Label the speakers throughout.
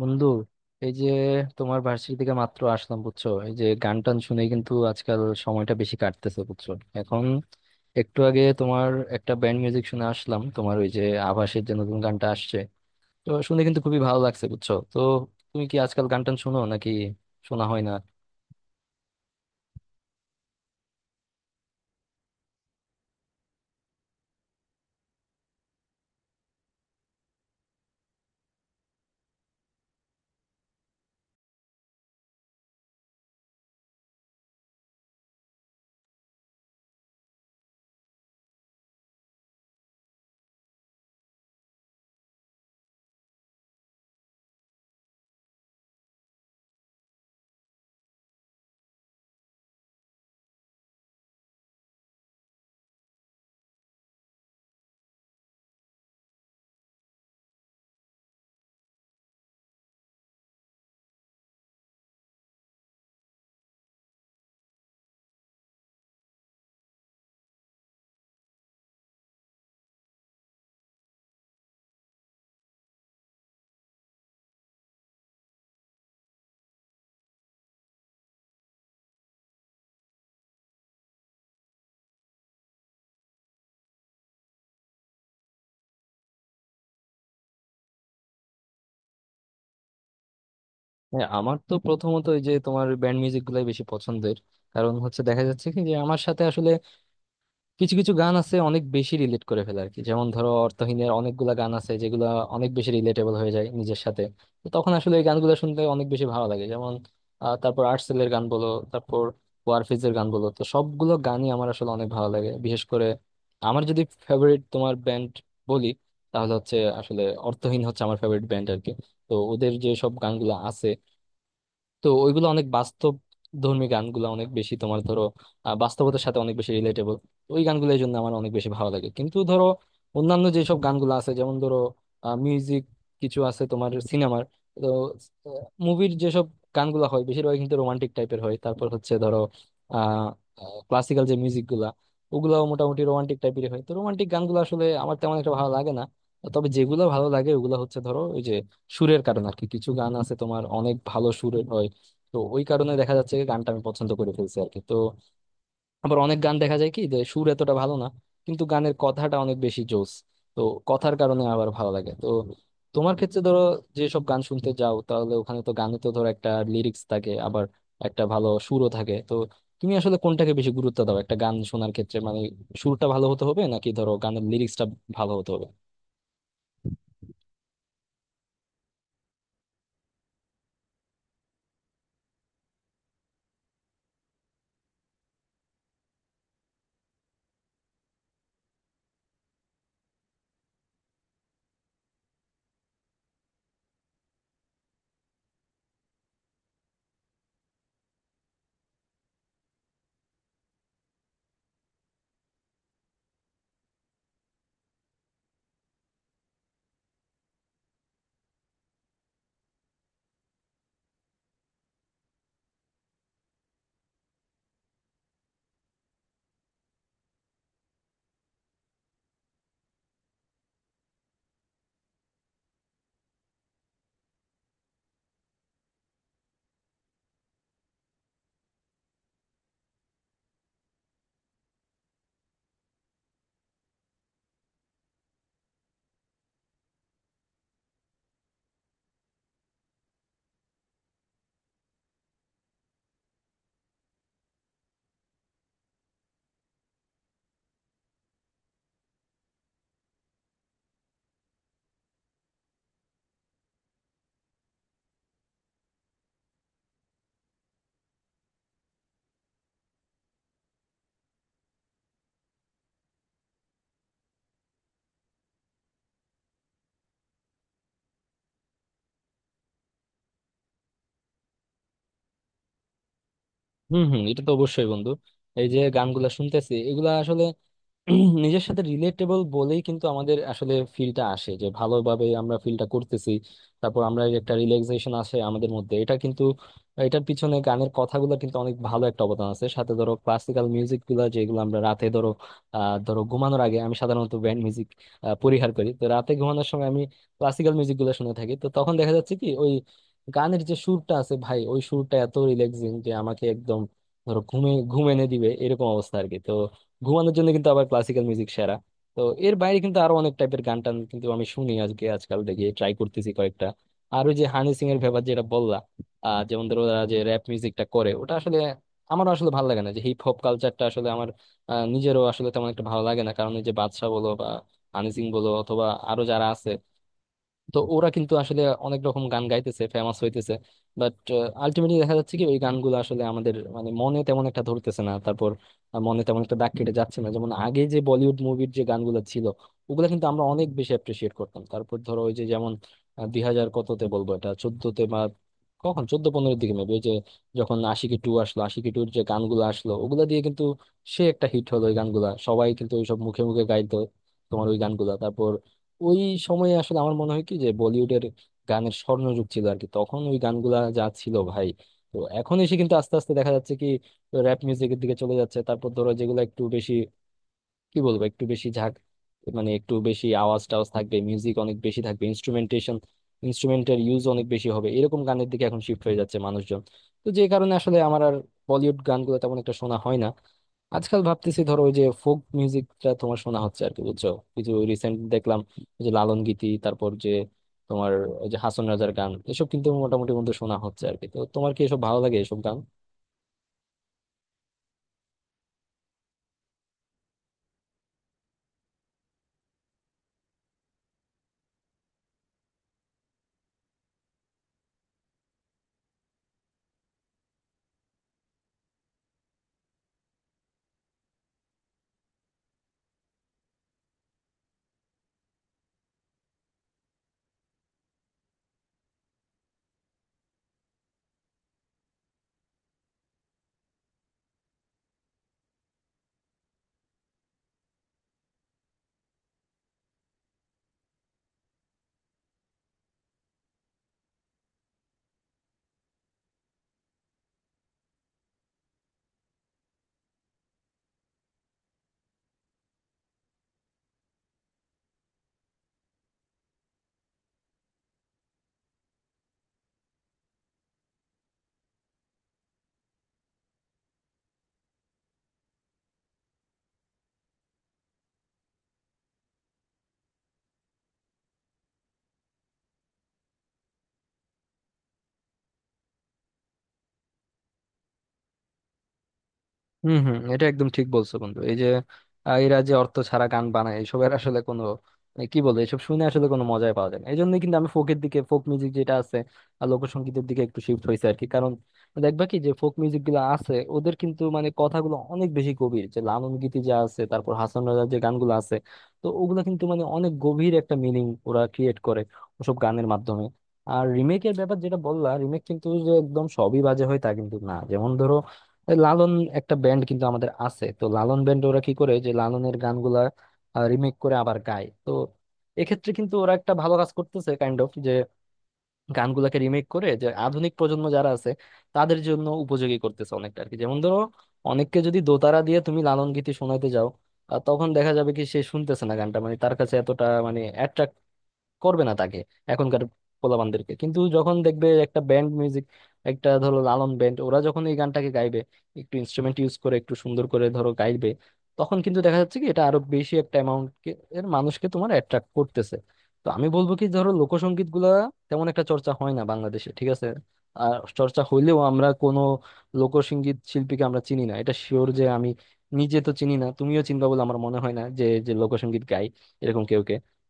Speaker 1: বন্ধু, এই যে তোমার ভার্সিটি থেকে মাত্র আসলাম বুঝছো, এই যে গান টান শুনে কিন্তু আজকাল সময়টা বেশি কাটতেছে বুঝছো। এখন একটু আগে তোমার একটা ব্যান্ড মিউজিক শুনে আসলাম, তোমার ওই যে আভাসের যে নতুন গানটা আসছে, তো শুনে কিন্তু খুবই ভালো লাগছে বুঝছো। তো তুমি কি আজকাল গান টান শুনো নাকি শোনা হয় না? হ্যাঁ, আমার তো প্রথমত ওই যে তোমার ব্যান্ড মিউজিক গুলাই বেশি পছন্দের। কারণ হচ্ছে দেখা যাচ্ছে কি যে আমার সাথে আসলে কিছু কিছু গান আছে অনেক বেশি রিলেট করে ফেলে আর কি। যেমন ধরো অর্থহীনের অনেকগুলা গান আছে যেগুলো অনেক বেশি রিলেটেবল হয়ে যায় নিজের সাথে। তো তখন আসলে এই গানগুলো শুনতে অনেক বেশি ভালো লাগে। যেমন তারপর আর্টসেলের গান বলো, তারপর ওয়ারফিজের গান বলো, তো সবগুলো গানই আমার আসলে অনেক ভালো লাগে। বিশেষ করে আমার যদি ফেভারিট তোমার ব্যান্ড বলি, তাহলে হচ্ছে আসলে অর্থহীন হচ্ছে আমার ফেভারিট ব্যান্ড আর কি। তো ওদের যে সব গানগুলো আছে, তো ওইগুলো অনেক বাস্তব ধর্মী গানগুলো অনেক বেশি তোমার ধরো বাস্তবতার সাথে অনেক বেশি রিলেটেবল ওই গানগুলো, এই জন্য আমার অনেক বেশি ভালো লাগে। কিন্তু ধরো অন্যান্য যেসব গানগুলো আছে, যেমন ধরো মিউজিক কিছু আছে তোমার সিনেমার, তো মুভির যেসব গানগুলো হয় বেশিরভাগ কিন্তু রোমান্টিক টাইপের হয়। তারপর হচ্ছে ধরো আহ ক্লাসিক্যাল যে মিউজিক গুলা, ওগুলাও মোটামুটি রোমান্টিক টাইপের হয়। তো রোমান্টিক গানগুলো আসলে আমার তেমন একটা ভালো লাগে না। তবে যেগুলো ভালো লাগে ওগুলো হচ্ছে ধরো ওই যে সুরের কারণে আর কি। কিছু গান আছে তোমার অনেক ভালো সুরের হয়, তো ওই কারণে দেখা যাচ্ছে কি গানটা আমি পছন্দ করে ফেলছি আর কি। তো আবার অনেক গান দেখা যায় কি যে সুর এতটা ভালো না, কিন্তু গানের কথাটা অনেক বেশি জোস, তো কথার কারণে আবার ভালো লাগে। তো তোমার ক্ষেত্রে ধরো যেসব গান শুনতে যাও, তাহলে ওখানে তো গানে তো ধরো একটা লিরিক্স থাকে, আবার একটা ভালো সুরও থাকে। তো তুমি আসলে কোনটাকে বেশি গুরুত্ব দাও একটা গান শোনার ক্ষেত্রে, মানে সুরটা ভালো হতে হবে নাকি ধরো গানের লিরিক্সটা ভালো হতে হবে? হুম হুম, এটা তো অবশ্যই বন্ধু। এই যে গানগুলা শুনতেছি এগুলা নিজের সাথে রিলেটেবল বলেই কিন্তু আমাদের আসলে ফিলটা আসে, যে ভালোভাবে আমরা ফিলটা করতেছি। তারপর আমরা এই একটা রিল্যাক্সেশন আসে আমাদের মধ্যে, এটা কিন্তু, এটার পিছনে গানের কথাগুলো কিন্তু অনেক ভালো একটা অবদান আছে। সাথে ধরো ক্লাসিক্যাল মিউজিক গুলা যেগুলো আমরা রাতে ধরো ধরো ঘুমানোর আগে আমি সাধারণত ব্যান্ড মিউজিক পরিহার করি। তো রাতে ঘুমানোর সময় আমি ক্লাসিক্যাল মিউজিক গুলো শুনে থাকি। তো তখন দেখা যাচ্ছে কি ওই গানের যে সুরটা আছে ভাই, ওই সুরটা এত রিল্যাক্সিং যে আমাকে একদম ধরো ঘুমে ঘুম এনে দিবে এরকম অবস্থা আর কি। তো ঘুমানোর জন্য কিন্তু আবার ক্লাসিক্যাল মিউজিক সেরা। তো এর বাইরে কিন্তু আরো অনেক টাইপের গান টান কিন্তু আমি শুনি, আজকে আজকাল দেখি ট্রাই করতেছি কয়েকটা। আর ওই যে হানি সিং এর ব্যাপার যেটা বললা, যেমন ধরো ওরা যে র্যাপ মিউজিকটা করে ওটা আসলে আমার আসলে ভালো লাগে না। যে হিপ হপ কালচারটা আসলে আমার নিজেরও আসলে তেমন একটা ভালো লাগে না। কারণ এই যে বাদশা বলো বা হানি সিং বলো অথবা আরো যারা আছে, তো ওরা কিন্তু আসলে অনেক রকম গান গাইতেছে, ফেমাস হইতেছে। বাট আলটিমেটলি দেখা যাচ্ছে কি ওই গানগুলো আসলে আমাদের মানে মনে তেমন একটা ধরতেছে না, তারপর মনে তেমন একটা দাগ কেটে যাচ্ছে না। যেমন আগে যে বলিউড মুভির যে গানগুলো ছিল, ওগুলো কিন্তু আমরা অনেক বেশি অ্যাপ্রিসিয়েট করতাম। তারপর ধরো ওই যে যেমন দুই হাজার কততে বলবো, এটা চোদ্দতে বা কখন চোদ্দ পনেরোর দিকে মেবি, ওই যে যখন আশিকি টু আসলো, আশিকি টুর যে গানগুলো আসলো ওগুলা দিয়ে কিন্তু সে একটা হিট হলো। ওই গানগুলা সবাই কিন্তু ওইসব মুখে মুখে গাইতো, তোমার ওই গানগুলা। তারপর ওই সময়ে আসলে আমার মনে হয় কি যে বলিউডের গানের স্বর্ণযুগ ছিল আর কি, তখন ওই গানগুলা যা ছিল ভাই। তো এখন এসে কিন্তু আস্তে আস্তে দেখা যাচ্ছে কি র্যাপ মিউজিকের দিকে চলে যাচ্ছে। তারপর ধরো যেগুলো একটু বেশি, কি বলবো, একটু বেশি ঝাঁক, মানে একটু বেশি আওয়াজ টাওয়াজ থাকবে, মিউজিক অনেক বেশি থাকবে, ইনস্ট্রুমেন্টেশন ইনস্ট্রুমেন্টের ইউজ অনেক বেশি হবে, এরকম গানের দিকে এখন শিফট হয়ে যাচ্ছে মানুষজন। তো যে কারণে আসলে আমার আর বলিউড গানগুলো তেমন একটা শোনা হয় না। আজকাল ভাবতেছি ধরো ওই যে ফোক মিউজিকটা তোমার শোনা হচ্ছে আর কি বুঝছো। কিছু রিসেন্ট দেখলাম ওই যে লালন গীতি, তারপর যে তোমার ওই যে হাসন রাজার গান, এসব কিন্তু মোটামুটি বন্ধু শোনা হচ্ছে আর কি। তো তোমার কি এসব ভালো লাগে এসব গান? হম হম, এটা একদম ঠিক বলছো বন্ধু। এই যে এরা যে অর্থ ছাড়া গান বানায় এসবের আসলে কোনো মানে, কি বলবো, এসব শুনে আসলে কোনো মজাই পাওয়া যায় না। এই জন্যই কিন্তু আমি ফোকের দিকে, ফোক মিউজিক যেটা আছে আর লোকসঙ্গীতের দিকে একটু শিফট হয়েছে আর কি। কারণ দেখবা কি যে ফোক মিউজিক গুলো আছে ওদের কিন্তু মানে কথাগুলো অনেক বেশি গভীর। যে লালন গীতি যা আছে, তারপর হাসান রাজার যে গানগুলো আছে, তো ওগুলো কিন্তু মানে অনেক গভীর একটা মিনিং ওরা ক্রিয়েট করে ওসব গানের মাধ্যমে। আর রিমেকের ব্যাপার যেটা বললা, রিমেক কিন্তু যে একদম সবই বাজে হয় তা কিন্তু না। যেমন ধরো এই লালন, একটা ব্যান্ড কিন্তু আমাদের আছে তো, লালন ব্যান্ড, ওরা কি করে যে লালনের গানগুলা রিমেক করে আবার গায়। তো এক্ষেত্রে কিন্তু ওরা একটা ভালো কাজ করতেছে কাইন্ড অফ, যে গানগুলাকে রিমেক করে যে আধুনিক প্রজন্ম যারা আছে তাদের জন্য উপযোগী করতেছে অনেকটা আর কি। যেমন ধরো অনেককে যদি দোতারা দিয়ে তুমি লালন গীতি শোনাতে যাও, তখন দেখা যাবে কি সে শুনতেছে না গানটা, মানে তার কাছে এতটা মানে করবে না। তাকে এখনকার পোলাপানদেরকে কিন্তু যখন দেখবে একটা ব্যান্ড মিউজিক, একটা ধরো লালন ব্যান্ড ওরা যখন এই গানটাকে গাইবে, একটু ইনস্ট্রুমেন্ট ইউজ করে একটু সুন্দর করে ধরো গাইবে, তখন কিন্তু দেখা যাচ্ছে কি এটা আরো বেশি একটা অ্যামাউন্ট এর মানুষকে তোমার অ্যাট্রাক্ট করতেছে। তো আমি বলবো কি ধরো লোকসঙ্গীত গুলা তেমন একটা চর্চা হয় না বাংলাদেশে, ঠিক আছে। আর চর্চা হইলেও আমরা কোনো লোকসঙ্গীত শিল্পীকে আমরা চিনি না, এটা শিওর। যে আমি নিজে তো চিনি না, তুমিও চিনবা বলে আমার মনে হয় না, যে যে লোকসঙ্গীত গাই এরকম কেউ।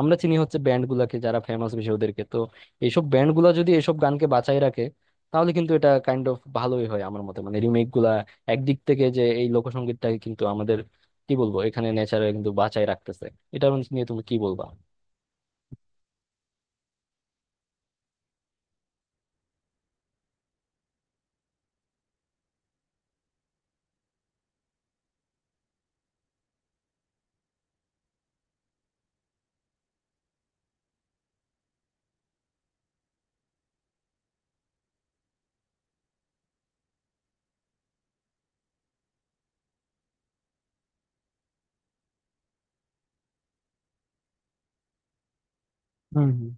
Speaker 1: আমরা চিনি হচ্ছে ব্যান্ড গুলাকে যারা ফেমাস বেশি ওদেরকে। তো এইসব ব্যান্ড গুলা যদি এসব গানকে বাঁচাই রাখে, তাহলে কিন্তু এটা কাইন্ড অফ ভালোই হয় আমার মতে। মানে রিমেক গুলা একদিক থেকে যে এই লোকসঙ্গীতটাকে কিন্তু আমাদের কি বলবো এখানে নেচারে কিন্তু বাঁচাই রাখতেছে। এটা নিয়ে তুমি কি বলবা? হুম হুম।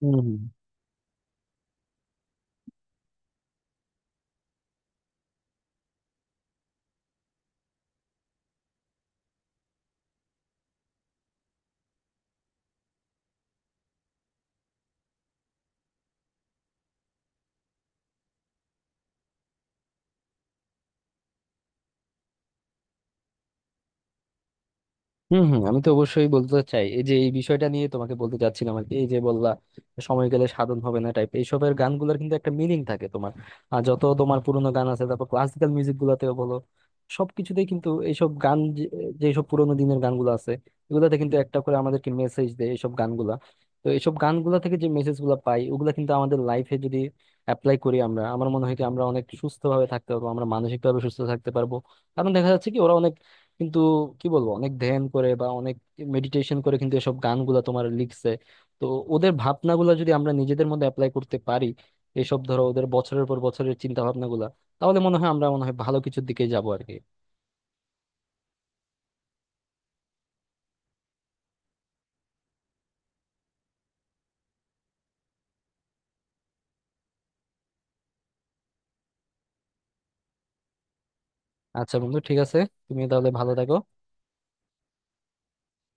Speaker 1: হুম হুম। হম হম, আমি তো অবশ্যই বলতে চাই এই যে এই বিষয়টা নিয়ে তোমাকে বলতে চাচ্ছিলাম আর কি। এই যে বললা সময় গেলে সাধন হবে না টাইপ, এইসবের গানগুলোর কিন্তু একটা মিনিং থাকে তোমার। আর যত তোমার পুরোনো গান আছে, তারপর ক্লাসিক্যাল মিউজিক গুলাতেও বলো সবকিছুতেই কিন্তু এইসব গান যেসব পুরোনো দিনের গানগুলো আছে এগুলাতে কিন্তু একটা করে আমাদেরকে মেসেজ দেয় এইসব গানগুলা। তো এইসব গানগুলা থেকে যে মেসেজ গুলা পাই ওগুলা কিন্তু আমাদের লাইফে যদি অ্যাপ্লাই করি আমরা, আমার মনে হয় কি আমরা অনেক সুস্থ ভাবে থাকতে পারবো, আমরা মানসিক ভাবে সুস্থ থাকতে পারবো। কারণ দেখা যাচ্ছে কি ওরা অনেক কিন্তু, কি বলবো, অনেক ধ্যান করে বা অনেক মেডিটেশন করে কিন্তু এসব গানগুলা তোমার লিখছে। তো ওদের ভাবনাগুলা যদি আমরা নিজেদের মধ্যে অ্যাপ্লাই করতে পারি, এসব ধরো ওদের বছরের পর বছরের চিন্তা ভাবনাগুলা, তাহলে মনে হয় আমরা মনে হয় ভালো কিছুর দিকে যাবো আর কি। আচ্ছা বন্ধু, ঠিক আছে, তুমি তাহলে ভালো থাকো।